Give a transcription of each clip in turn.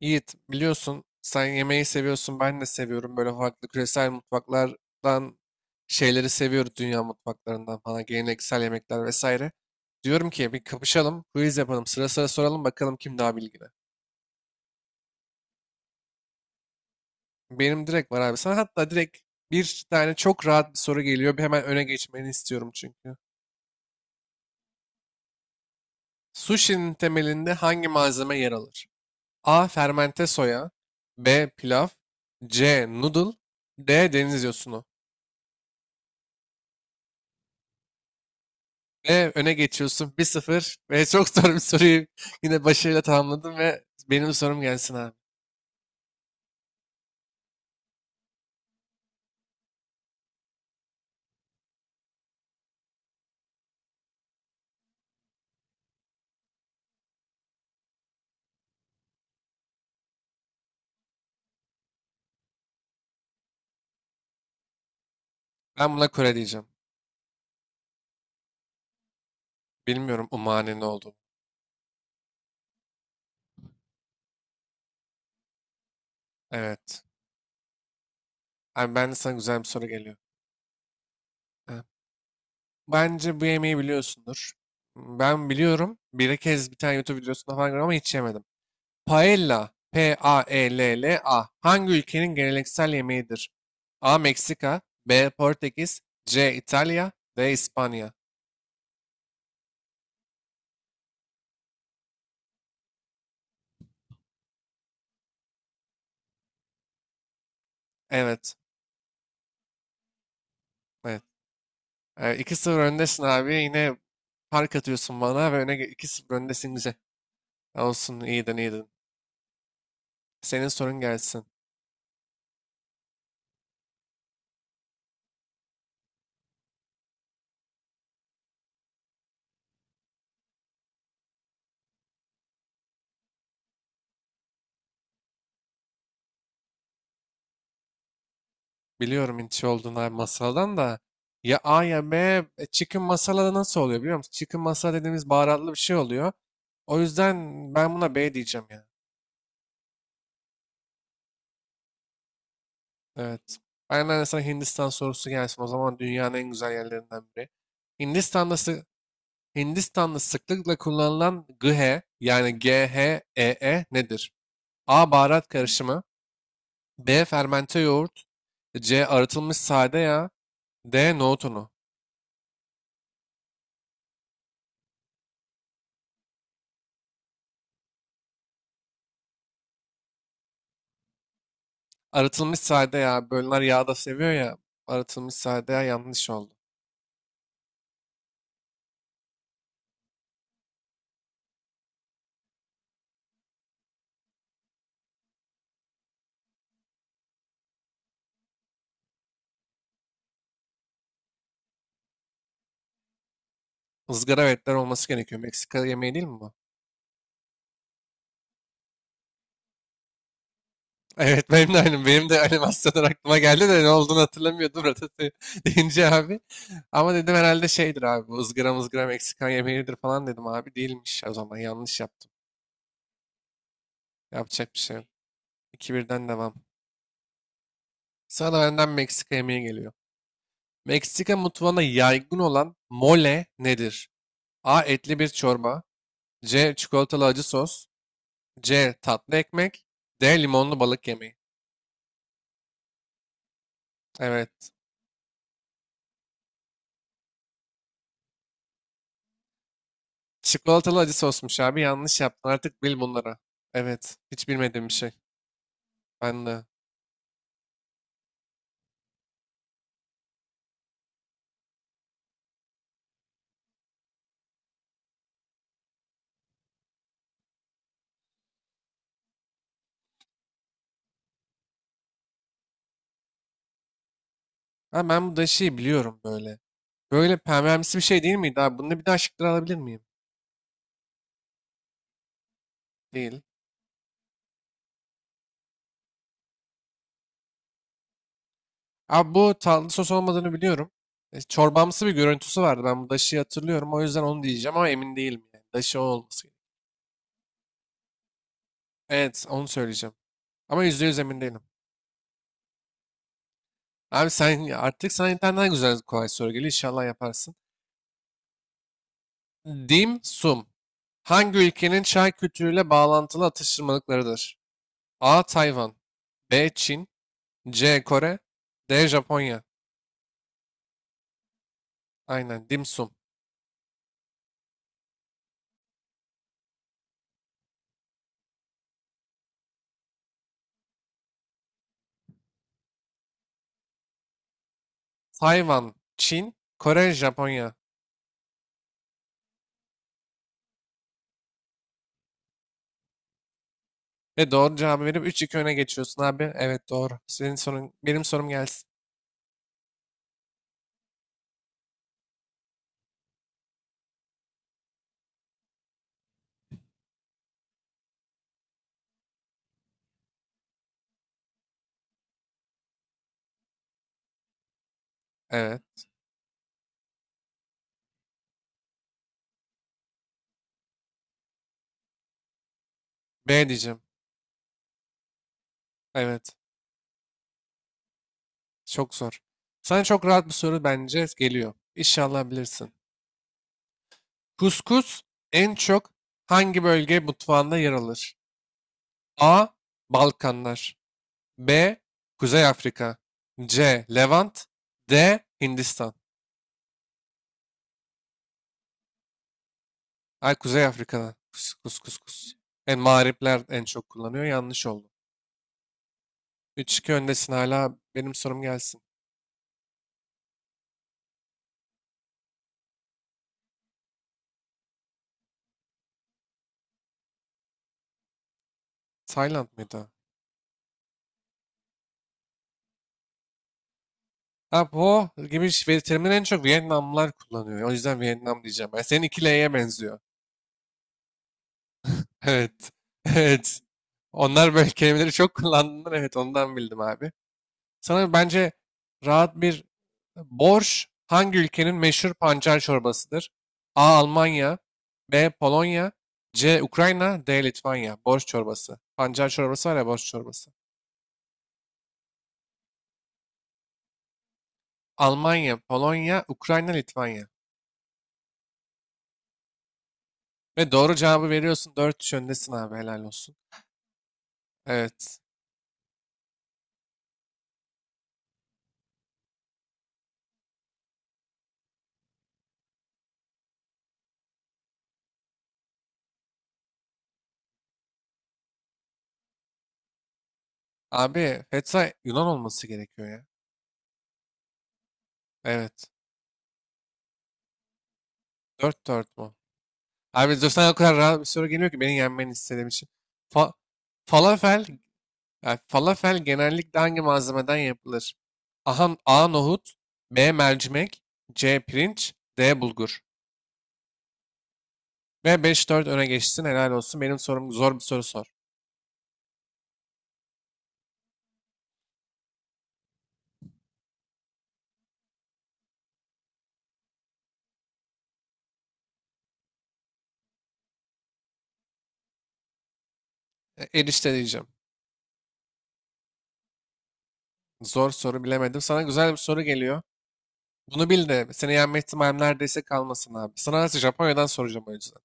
Yiğit, biliyorsun sen yemeği seviyorsun, ben de seviyorum. Böyle farklı küresel mutfaklardan şeyleri seviyoruz, dünya mutfaklarından falan, geleneksel yemekler vesaire. Diyorum ki bir kapışalım, quiz yapalım, sıra sıra soralım bakalım kim daha bilgili. Benim direkt var abi. Sana hatta direkt bir tane çok rahat bir soru geliyor. Bir hemen öne geçmeni istiyorum çünkü. Sushi'nin temelinde hangi malzeme yer alır? A. Fermente soya, B. Pilav, C. Noodle, D. Deniz yosunu. Ve öne geçiyorsun 1-0 ve çok zor bir soruyu yine başarıyla tamamladım ve benim sorum gelsin abi. Ben buna Kore diyeceğim. Bilmiyorum umane ne olduğunu. Evet. Abi ben de sana güzel bir soru geliyor. Ha. Bence bu yemeği biliyorsundur. Ben biliyorum. Bir kez bir tane YouTube videosunda falan gördüm ama hiç yemedim. Paella. P-A-E-L-L-A. Hangi ülkenin geleneksel yemeğidir? A. Meksika, B. Portekiz, C. İtalya, D. İspanya. Evet. Evet. 2-0 öndesin abi. Yine fark atıyorsun bana ve öne 2-0 öndesin, güzel. Olsun, iyiydin iyiydin. Senin sorun gelsin. Biliyorum intiş olduğun abi masaldan da. Ya A ya B. Chicken masala da nasıl oluyor biliyor musun? Chicken masala dediğimiz baharatlı bir şey oluyor. O yüzden ben buna B diyeceğim ya. Evet. Aynen, de sana Hindistan sorusu gelsin. O zaman dünyanın en güzel yerlerinden biri. Hindistan'da, sı- Hindistan'da sıklıkla kullanılan GH, yani GHEE nedir? A. Baharat karışımı, B. Fermente yoğurt, C. Arıtılmış sade yağ, D. Nohut unu. Arıtılmış sade yağ. Bölünler yağ da seviyor ya. Arıtılmış sade yağ, yanlış oldu. Izgara ve etler olması gerekiyor. Meksika yemeği değil mi bu? Evet, benim de aynı. Benim de animasyonlar aklıma geldi de ne olduğunu hatırlamıyordum Ratatouille deyince abi. Ama dedim herhalde şeydir abi, bu ızgara mızgara Meksikan yemeğidir falan dedim abi. Değilmiş, o zaman yanlış yaptım. Yapacak bir şey yok. 2-1'den devam. Sana da benden Meksika yemeği geliyor. Meksika mutfağına yaygın olan mole nedir? A. Etli bir çorba, C. Çikolatalı acı sos, C. Tatlı ekmek, D. Limonlu balık yemeği. Evet. Çikolatalı acı sosmuş abi. Yanlış yaptın. Artık bil bunları. Evet. Hiç bilmediğim bir şey. Ben de. Ha, ben bu da şeyi biliyorum böyle. Böyle pembemsi bir şey değil miydi abi? Bunu bir daha şıkları alabilir miyim? Değil. Abi bu tatlı sos olmadığını biliyorum. Çorbamsı bir görüntüsü vardı. Ben bu daşıyı hatırlıyorum. O yüzden onu diyeceğim ama emin değilim. Yani. Daşı o olması. Evet, onu söyleyeceğim. Ama %100 emin değilim. Abi sen artık sana internetten güzel kolay soru geliyor. İnşallah yaparsın. Dim sum. Hangi ülkenin çay kültürüyle bağlantılı atıştırmalıklarıdır? A. Tayvan, B. Çin, C. Kore, D. Japonya. Aynen. Dim sum. Tayvan, Çin, Kore, Japonya. Ve doğru cevabı verip 3-2 öne geçiyorsun abi. Evet, doğru. Senin sorun, benim sorum gelsin. Evet. B diyeceğim. Evet. Çok zor. Sana çok rahat bir soru bence geliyor. İnşallah bilirsin. Kuskus en çok hangi bölge mutfağında yer alır? A. Balkanlar, B. Kuzey Afrika, C. Levant, D. Hindistan. Ay, Kuzey Afrika'da. Kus kus kus kus. En mağripler en çok kullanıyor. Yanlış oldu. 3-2 öndesin hala. Benim sorum gelsin. Tayland mıydı? Ha, po gibi ve terimleri en çok Vietnamlılar kullanıyor. O yüzden Vietnam diyeceğim. Ben senin 2L'ye benziyor. Evet. Evet. Onlar böyle kelimeleri çok kullandığından, evet, ondan bildim abi. Sana bence rahat bir borş, hangi ülkenin meşhur pancar çorbasıdır? A. Almanya, B. Polonya, C. Ukrayna, D. Litvanya. Borş çorbası. Pancar çorbası var ya, borş çorbası. Almanya, Polonya, Ukrayna, Litvanya. Ve doğru cevabı veriyorsun. 4-3 öndesin abi, helal olsun. Evet. Abi Fetsa Yunan olması gerekiyor ya. Evet. 4-4 mu? Abi Zosa'dan o kadar rahat bir soru geliyor ki, beni yenmeni istediğim için. Fa- Falafel, yani falafel genellikle hangi malzemeden yapılır? Aha, A. Nohut, B. Mercimek, C. Pirinç, D. Bulgur. Ve 5-4 öne geçsin, helal olsun. Benim sorum, zor bir soru sor. Erişte diyeceğim. Zor soru, bilemedim. Sana güzel bir soru geliyor. Bunu bil de seni yenme ihtimalim neredeyse kalmasın abi. Sana nasıl Japonya'dan soracağım o yüzden.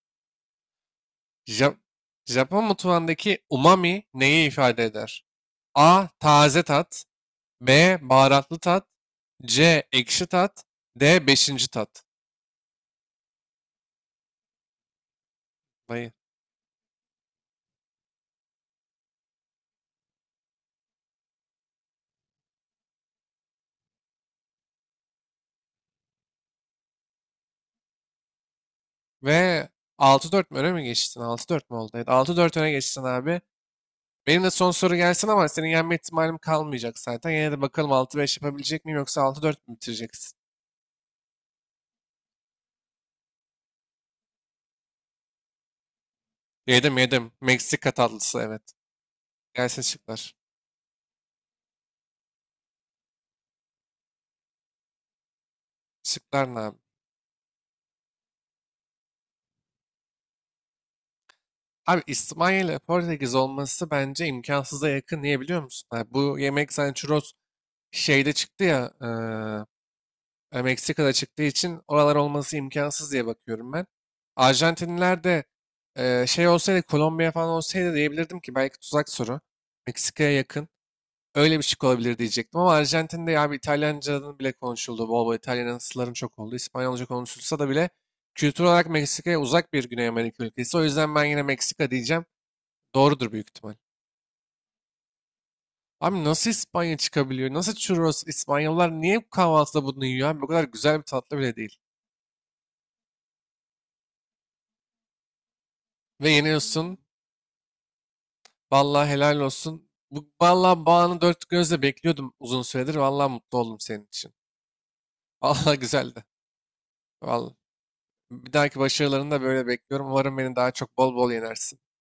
Ja- Japon mutfağındaki umami neyi ifade eder? A. Taze tat, B. Baharatlı tat, C. Ekşi tat, D. Beşinci tat. Dayı. Ve 6-4 mü öne mi geçtin? 6-4 mü oldu? Evet, 6-4 öne geçtin abi. Benim de son soru gelsin ama senin yenme ihtimalim kalmayacak zaten. Yine de bakalım 6-5 yapabilecek miyim, yoksa 6-4 mü bitireceksin? Yedim yedim. Meksika tatlısı, evet. Gelsin şıklar. Şıklar ne abi? Abi İspanya ile Portekiz olması bence imkansıza yakın. Niye biliyor musun? Abi bu yemek sanchros şeyde çıktı ya. Meksika'da çıktığı için oralar olması imkansız diye bakıyorum ben. Arjantinliler de şey olsaydı, Kolombiya falan olsaydı diyebilirdim ki belki tuzak soru. Meksika'ya yakın. Öyle bir şık olabilir diyecektim ama Arjantin'de ya bir İtalyanca'nın bile konuşuldu. Bol bol İtalyansların çok oldu. İspanyolca konuşulsa da bile kültür olarak Meksika'ya uzak bir Güney Amerika ülkesi. O yüzden ben yine Meksika diyeceğim. Doğrudur büyük ihtimal. Abi nasıl İspanya çıkabiliyor? Nasıl churros? İspanyollar niye bu kahvaltıda bunu yiyor, abi? Bu kadar güzel bir tatlı bile değil. Ve yeniyorsun. Vallahi helal olsun. Bu, vallahi bu anı dört gözle bekliyordum uzun süredir. Vallahi mutlu oldum senin için. Vallahi güzeldi. Vallahi. Bir dahaki başarılarını da böyle bekliyorum. Umarım beni daha çok bol bol yenersin.